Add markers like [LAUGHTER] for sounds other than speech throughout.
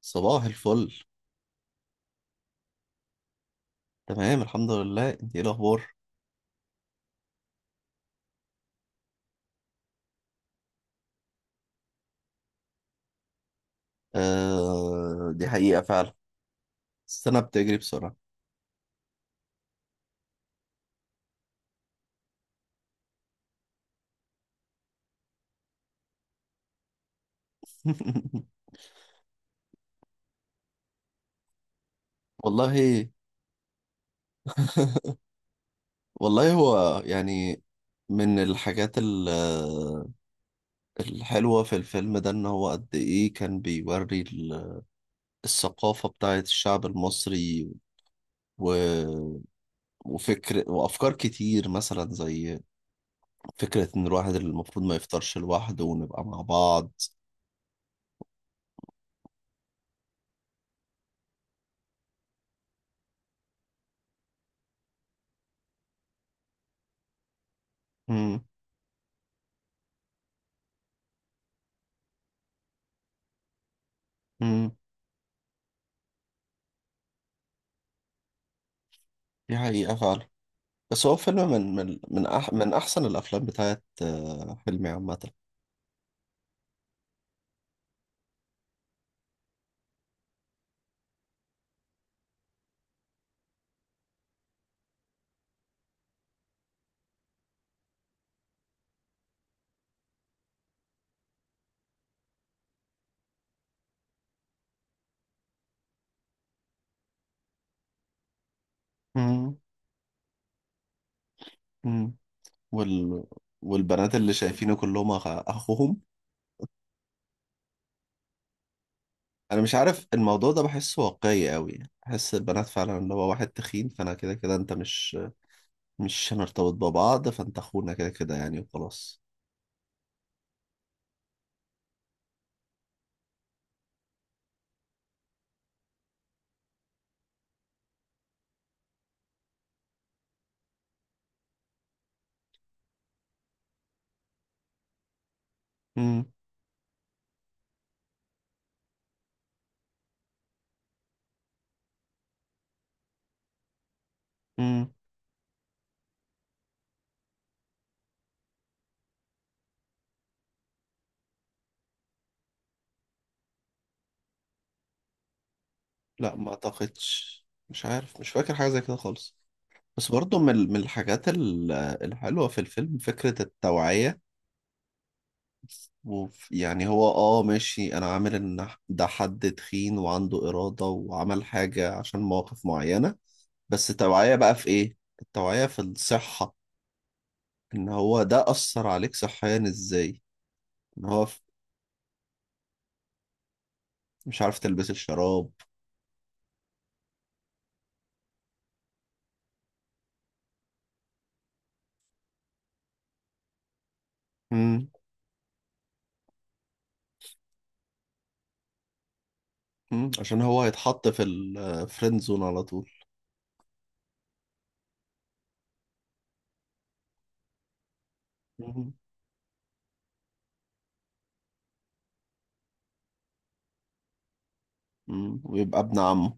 صباح الفل. تمام الحمد لله، انت ايه الاخبار؟ آه دي حقيقة فعلا. السنة بتجري بسرعة. [LAUGHS] والله والله هو يعني من الحاجات الحلوة في الفيلم ده ان هو قد ايه كان بيوري الثقافة بتاعة الشعب المصري و... وفكر وافكار كتير، مثلا زي فكرة ان الواحد المفروض ما يفطرش لوحده ونبقى مع بعض. مم. مم. دي حقيقة فعلا. بس هو فيلم من من أحسن الأفلام بتاعت حلمي عامة. مم. مم. وال والبنات اللي شايفينه كلهم أخوهم. أنا مش عارف الموضوع ده بحسه واقعي قوي. بحس البنات فعلا، اللي هو واحد تخين فأنا كده كده أنت مش هنرتبط ببعض فأنت أخونا كده كده يعني وخلاص. مم. مم. لا، ما أعتقدش. مش فاكر حاجة زي كده خالص. بس برضه من الحاجات الحلوة في الفيلم فكرة التوعية، يعني هو ماشي، انا عامل ان ده حد تخين وعنده إرادة وعمل حاجة عشان مواقف معينة، بس التوعية بقى في ايه؟ التوعية في الصحة، ان هو ده أثر عليك صحيا ازاي؟ ان هو ف- مش عارف تلبس الشراب. مم. مم. عشان هو هيتحط في الفريند زون على طول. مم. مم. ويبقى ابن عمه.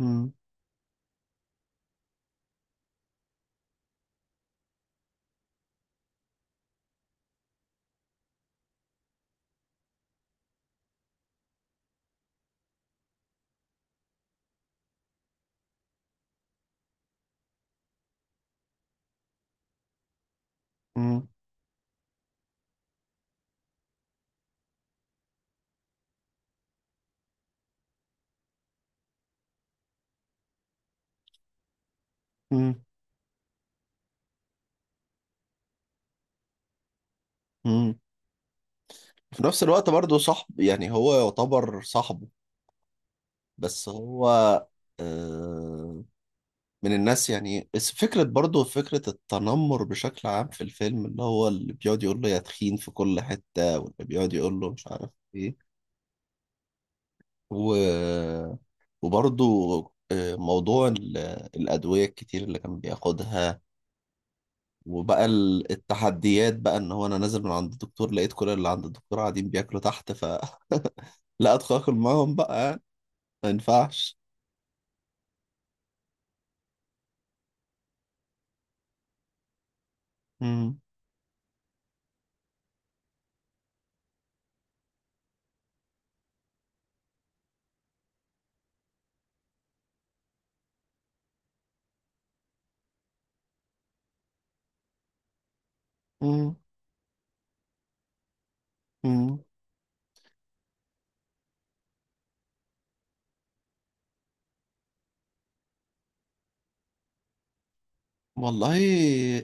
مم. مم. مم. مم. في نفس الوقت برضه صاحب، يعني هو يعتبر صاحبه، بس هو آه من الناس يعني. بس فكرة التنمر بشكل عام في الفيلم، اللي هو اللي بيقعد يقول له يا تخين في كل حتة، واللي بيقعد يقول له مش عارف ايه، و... وبرضه موضوع الأدوية الكتير اللي كان بياخدها، وبقى التحديات بقى ان هو انا نازل من عند الدكتور لقيت كل اللي عند الدكتور قاعدين بياكلوا تحت [LAUGHS] لا ادخل اكل معاهم بقى، ما ينفعش. مم. مم. مم. والله،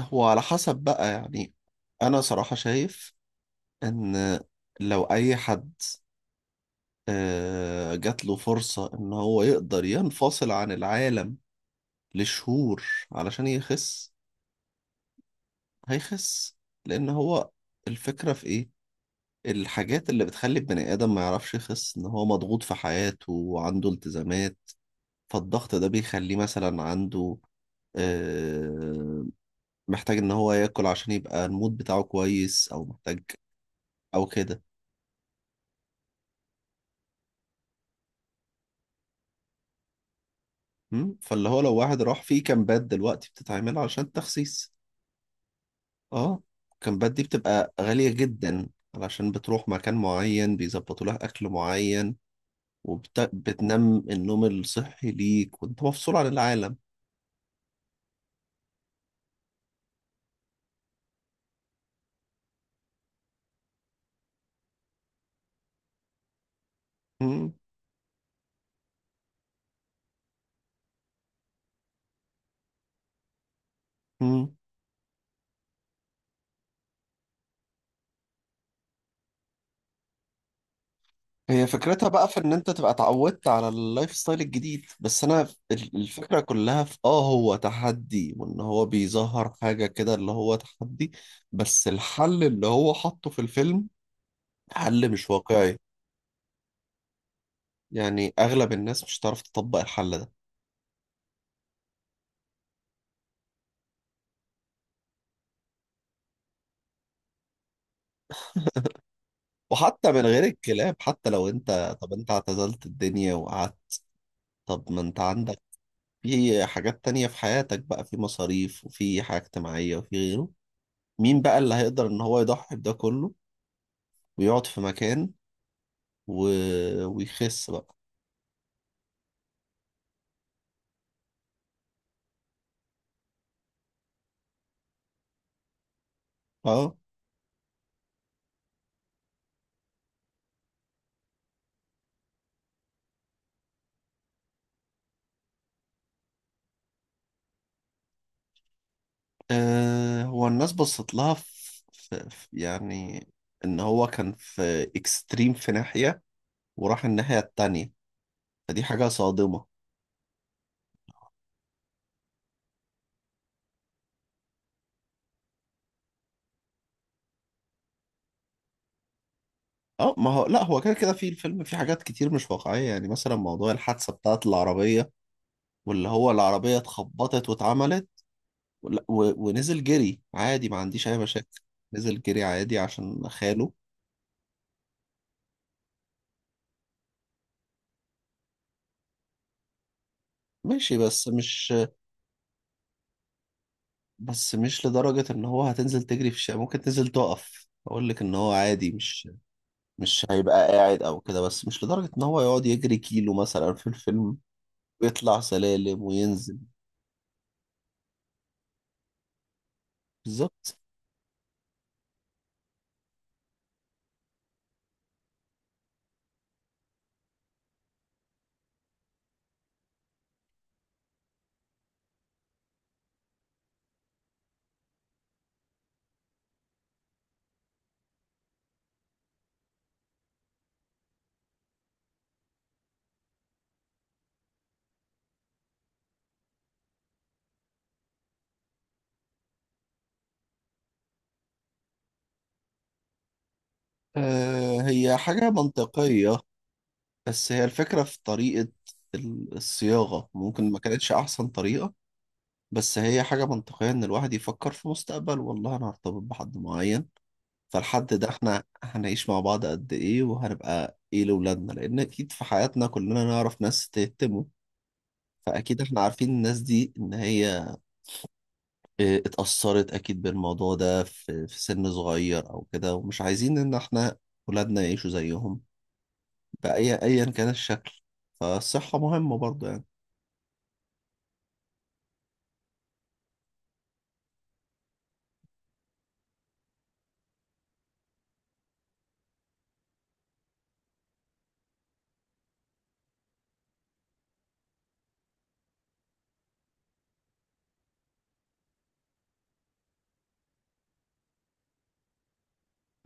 هو على حسب بقى يعني. انا صراحة شايف ان لو اي حد جات له فرصة ان هو يقدر ينفصل عن العالم لشهور علشان يخس، هيخس. لان هو الفكرة في ايه؟ الحاجات اللي بتخلي البني ادم ما يعرفش يخس ان هو مضغوط في حياته وعنده التزامات، فالضغط ده بيخليه مثلا عنده آه، محتاج ان هو ياكل عشان يبقى المود بتاعه كويس، او محتاج، او كده. مم؟ فاللي هو لو واحد راح في كامبات دلوقتي بتتعمل علشان التخسيس، اه، الكامبات دي بتبقى غالية جدا، علشان بتروح مكان معين بيظبطوا لها اكل معين وبتنام النوم الصحي ليك وانت مفصول عن العالم. مم؟ مم؟ هي فكرتها بقى في ان انت تبقى اتعودت على اللايف ستايل الجديد. بس انا الفكرة كلها في هو تحدي، وان هو بيظهر حاجة كده اللي هو تحدي. بس الحل اللي هو حطه في الفيلم حل مش واقعي، يعني اغلب الناس مش هتعرف تطبق الحل ده. وحتى من غير الكلاب، حتى لو انت طب انت اعتزلت الدنيا وقعدت، طب ما انت عندك في حاجات تانية في حياتك بقى، في مصاريف وفي حاجة اجتماعية وفي غيره. مين بقى اللي هيقدر ان هو يضحي بده كله ويقعد في مكان و... ويخس بقى؟ اه. هو الناس بصت لها في يعني ان هو كان في اكستريم في ناحية وراح الناحية التانية، فدي حاجة صادمة. اه. ما هو لا، هو كده كده في الفيلم في حاجات كتير مش واقعية، يعني مثلا موضوع الحادثة بتاعت العربية، واللي هو العربية اتخبطت واتعملت، ونزل جري عادي ما عنديش أي مشاكل. نزل جري عادي عشان خاله. ماشي، بس مش، لدرجة إن هو هتنزل تجري في الشارع. ممكن تنزل تقف أقول لك إن هو عادي، مش هيبقى قاعد أو كده، بس مش لدرجة إن هو يقعد يجري كيلو مثلا في الفيلم ويطلع سلالم وينزل. بالظبط. آه، هي حاجة منطقية، بس هي الفكرة في طريقة الصياغة، ممكن ما كانتش أحسن طريقة. بس هي حاجة منطقية إن الواحد يفكر في مستقبل، والله أنا هرتبط بحد معين، فالحد ده إحنا هنعيش مع بعض قد إيه وهنبقى إيه لأولادنا؟ لأن أكيد في حياتنا كلنا نعرف ناس تهتموا، فأكيد إحنا عارفين الناس دي إن هي اتأثرت أكيد بالموضوع ده في سن صغير أو كده، ومش عايزين إن إحنا ولادنا يعيشوا زيهم، أيا كان الشكل، فالصحة مهمة برضه.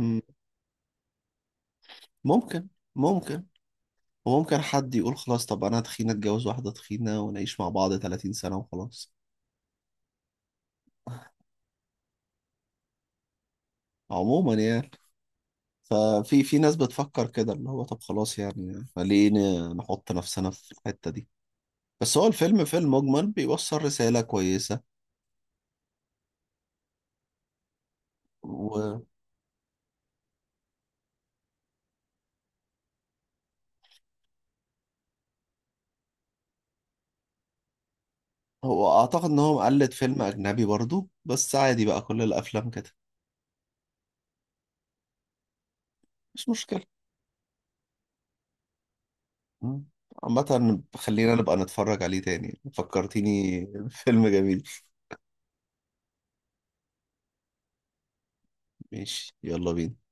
يعني ممكن، ممكن وممكن حد يقول خلاص، طب انا تخينة اتجوز واحدة تخينة ونعيش مع بعض 30 سنة وخلاص. عموما يعني، في ناس بتفكر كده، اللي هو طب خلاص يعني ليه نحط نفسنا في الحتة دي؟ بس هو الفيلم في المجمل بيوصل رسالة كويسة. وهو اعتقد ان هو مقلد فيلم اجنبي برضو، بس عادي بقى، كل الافلام كده. مش مشكلة. مم. عامة خلينا نبقى نتفرج عليه تاني، فكرتيني. [LAUGHS] فيلم جميل. ماشي، يلا بينا.